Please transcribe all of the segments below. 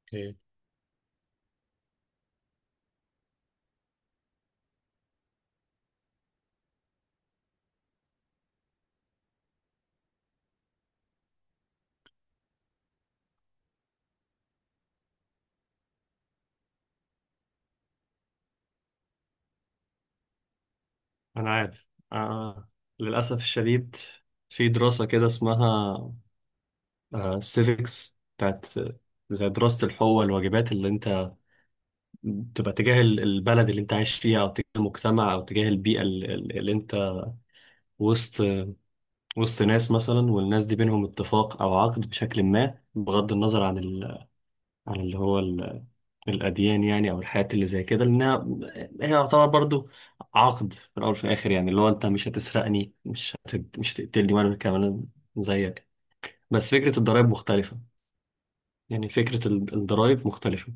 اوكي، انا عارف. آه. للاسف الشديد، في دراسه كده اسمها سيفكس بتاعت، زي دراسه الحقوق والواجبات اللي انت تبقى تجاه البلد اللي انت عايش فيها، او تجاه المجتمع، او تجاه البيئه اللي انت وسط وسط ناس مثلا، والناس دي بينهم اتفاق او عقد بشكل ما، بغض النظر عن ال... عن اللي هو الأديان يعني، أو الحاجات اللي زي كده، لأنها هي يعتبر برضو عقد في الأول وفي الآخر، يعني اللي هو أنت مش هتسرقني، مش هتقتلني، وأنا كمان زيك. بس فكرة الضرايب مختلفة، يعني فكرة الضرايب مختلفة.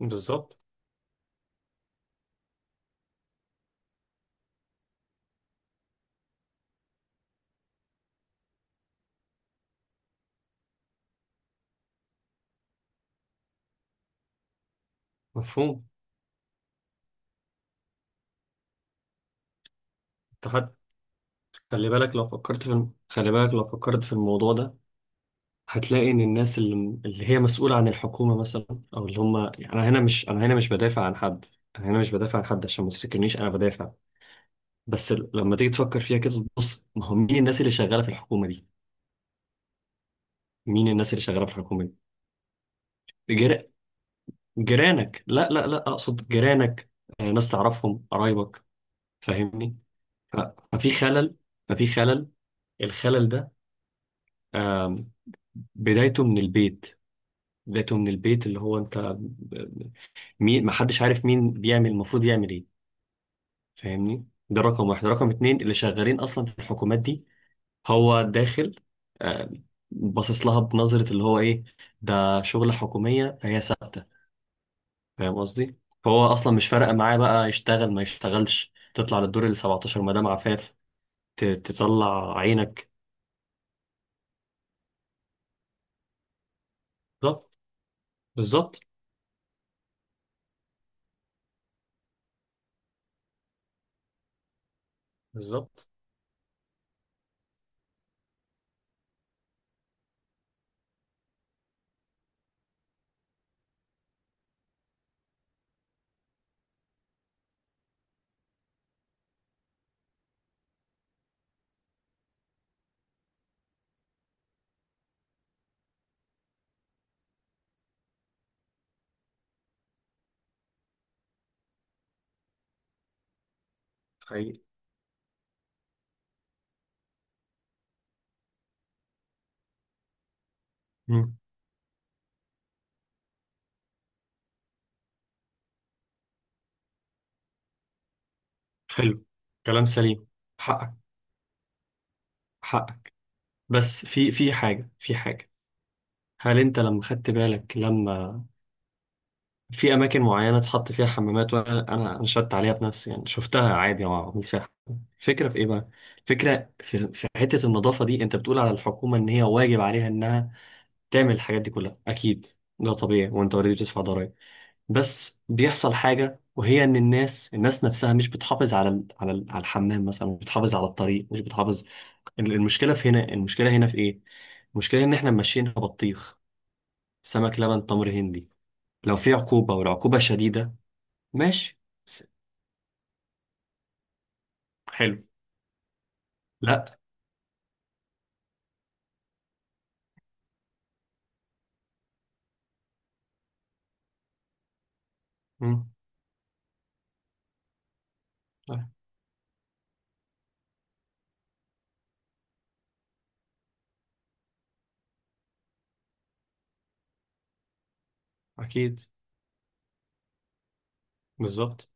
بالظبط. مفهوم. أنت حت- خلي بالك لو فكرت في الموضوع ده، هتلاقي إن الناس اللي هي مسؤولة عن الحكومة مثلا، أو اللي هم يعني، أنا هنا مش بدافع عن حد، أنا هنا مش بدافع عن حد عشان ما تفتكرنيش أنا بدافع. بس لما تيجي تفكر فيها كده، بص ما هو مين الناس اللي شغاله في الحكومه دي؟ مين الناس اللي شغاله في الحكومه دي؟ جر... جيرانك. لا لا لا، اقصد جيرانك، ناس تعرفهم قرايبك. فاهمني؟ ف- ففي خلل ففي خلل. الخلل ده، آم، بدايته من البيت، بدايته من البيت اللي هو انت ب- مين ما حدش عارف مين بيعمل، المفروض يعمل ايه؟ فاهمني؟ ده رقم واحد. رقم اتنين، اللي شغالين اصلا في الحكومات دي هو داخل، آه، باصص لها بنظرة اللي هو ايه، ده شغلة حكومية هي ثابتة. فاهم قصدي؟ فهو اصلا مش فارقة معاه بقى، يشتغل ما يشتغلش، تطلع للدور ال 17 مدام عفاف، تطلع عينك. بالظبط. بالظبط. بالظبط. حقيقي. مم. حلو. كلام سليم. حقك. حقك. بس في في حاجة، في حاجة. هل انت لما خدت بالك، لما في اماكن معينه اتحط فيها حمامات، وانا انا نشدت عليها بنفسي يعني، شفتها عادي وعملت فيها حمام. الفكره في ايه بقى؟ الفكره في حته النظافه دي. انت بتقول على الحكومه ان هي واجب عليها انها تعمل الحاجات دي كلها، اكيد ده طبيعي، وانت اوريدي بتدفع ضرائب. بس بيحصل حاجه، وهي ان الناس نفسها مش بتحافظ على على الحمام مثلا، مش بتحافظ على الطريق، مش بتحافظ. المشكله هنا في ايه؟ المشكله ان احنا ماشيين بطيخ سمك لبن تمر هندي. لو في عقوبة والعقوبة شديدة. ماشي. س- حلو. لا. مم. لا. اكيد. بالظبط.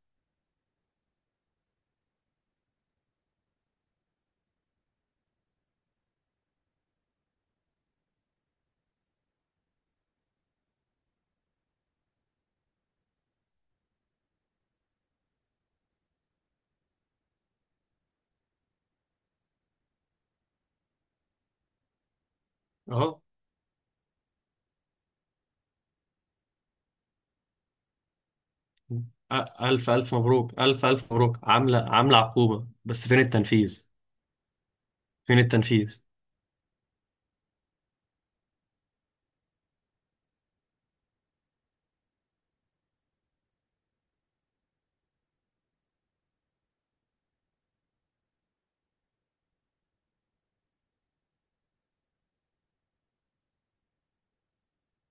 اهو. مم. الف الف مبروك، الف الف مبروك. عامله عقوبه، بس فين التنفيذ؟ فين التنفيذ؟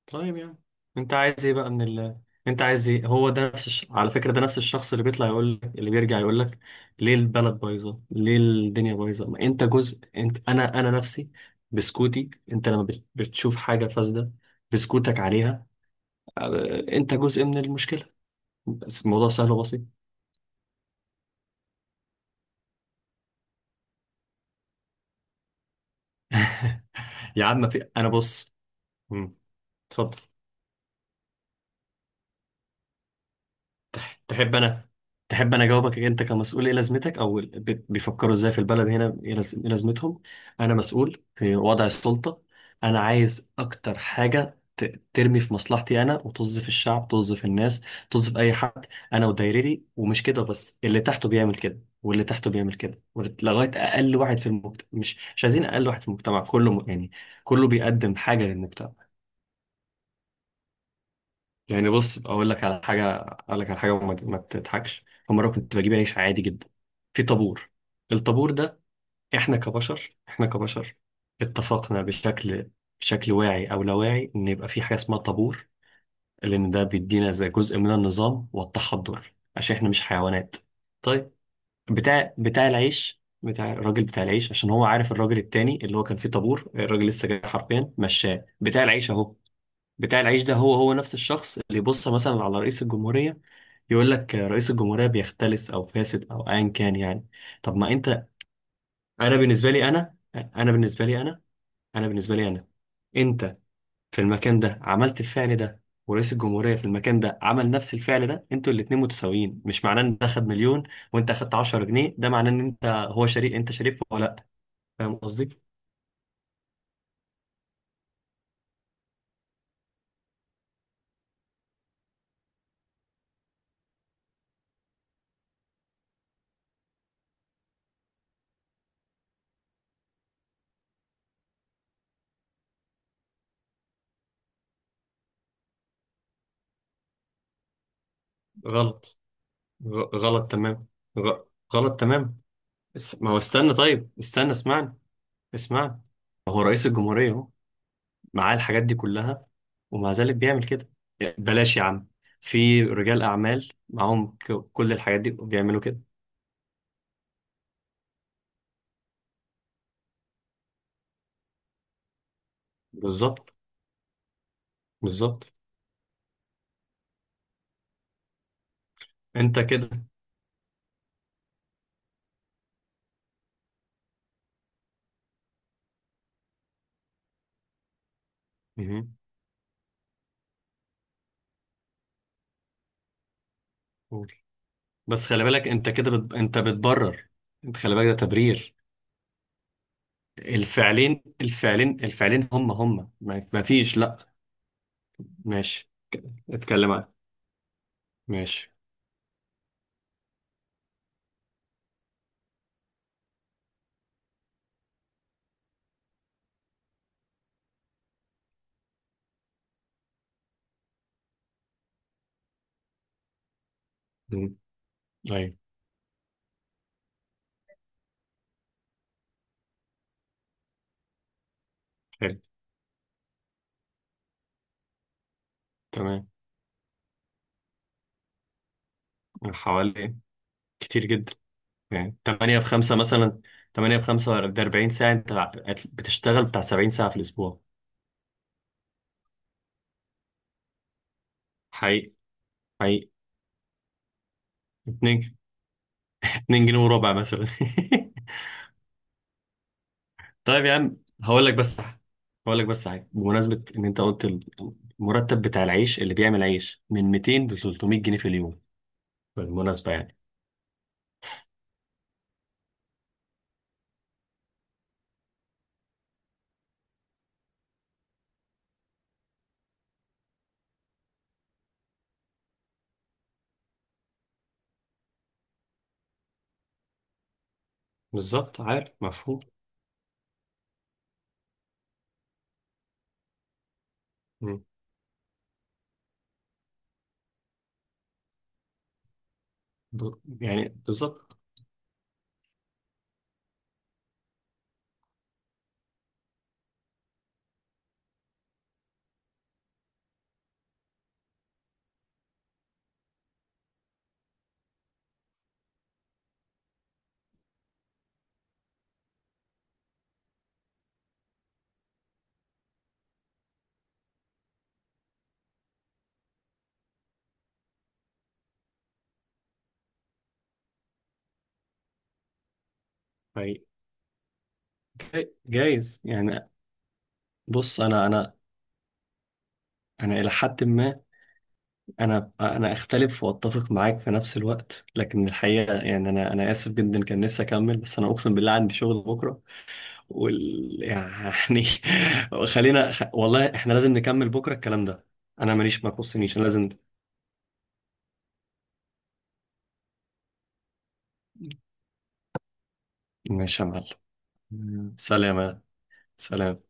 طيب يعني انت عايز ايه بقى انت عايز ايه؟ هو ده على فكره، ده نفس الشخص اللي بيطلع يقول لك، اللي بيرجع يقول لك، ليه البلد بايظه، ليه الدنيا بايظه؟ ما انت جزء، انت، انا نفسي بسكوتي، انت لما بتشوف حاجه فاسده بسكوتك عليها، أ- انت جزء من المشكله. بس الموضوع سهل وبسيط. يا عم، ما في، انا بص. مم. اتفضل. تحب انا تحب انا اجاوبك، انت كمسؤول ايه لازمتك، او بيفكروا ازاي في البلد هنا ايه إيه لازمتهم؟ انا مسؤول في وضع السلطة، انا عايز اكتر حاجة ترمي في مصلحتي انا، وطز في الشعب، طز في الناس، طز في اي حد. انا ودايرتي، ومش كده بس، اللي تحته بيعمل كده، واللي تحته بيعمل كده، وال- لغايه اقل واحد في المجتمع، مش عايزين اقل واحد في المجتمع كله يعني كله بيقدم حاجه للمجتمع. يعني بص، اقول لك على حاجه، اقول لك على حاجه، وما ما تضحكش. فمره كنت بجيب عيش عادي جدا، في طابور. الطابور ده، احنا كبشر، احنا كبشر اتفقنا بشكل واعي او لا واعي، ان يبقى في حاجه اسمها طابور، لان ده بيدينا زي جزء من النظام والتحضر، عشان احنا مش حيوانات. طيب، بتاع العيش، بتاع الراجل بتاع العيش، عشان هو عارف الراجل التاني اللي هو كان فيه طابور، الراجل لسه جاي حرفيا، مشاه بتاع العيش اهو. بتاع العيش ده، هو نفس الشخص اللي يبص مثلا على رئيس الجمهورية، يقول لك رئيس الجمهورية بيختلس او فاسد او ايا كان، يعني طب ما انت. انا بالنسبة لي انا انا بالنسبة لي انا انا بالنسبة لي انا، انت في المكان ده عملت الفعل ده، ورئيس الجمهورية في المكان ده عمل نفس الفعل ده، انتوا الاتنين متساويين. مش معناه ان ده خد مليون وانت اخدت 10 جنيه، ده معناه ان انت هو شريك. انت شريك ولا لا؟ فاهم قصدي؟ غلط. غلط تمام. غ- غلط تمام. ما هو استنى، طيب استنى، اسمعني، اسمعني. هو رئيس الجمهورية اهو، معاه الحاجات دي كلها، ومع ذلك بيعمل كده. بلاش يا عم، في رجال أعمال معاهم كل الحاجات دي وبيعملوا كده. بالظبط. بالظبط. انت كده. مهم. قول. بس خلي بالك انت كده انت بتبرر. انت خلي بالك ده تبرير. الفعلين الفعلين، هم ما فيش، لا. ماشي. اتكلم عنه. ماشي. مم. طيب. حلو. تمام. حوالي. كتير جدا. يعني 8 بخمسة مثلا، 8 بخمسة ده 40 ساعة، انت بتشتغل بتاع 70 ساعة في الأسبوع. حقيقي. حقيقي. 2، 2 جنيه وربع مثلا. طيب يا عم، هقول لك بس هقول لك بس حاجة بمناسبة إن أنت قلت المرتب بتاع العيش اللي بيعمل عيش من 200 ل 300 جنيه في اليوم، بالمناسبة يعني. بالظبط. عارف. مفهوم. مم. ب... يعني بالظبط. حقيقي. جايز يعني. بص، أنا إلى حد ما، انا اختلف واتفق معاك في نفس الوقت، لكن الحقيقه يعني، انا اسف جدا، كان نفسي اكمل، بس انا اقسم بالله عندي شغل بكره وال يعني. خلينا، والله احنا لازم نكمل بكره الكلام ده، انا ماليش، ما يخصنيش، انا لازم. ماشي يا معلم. سلام. سلام.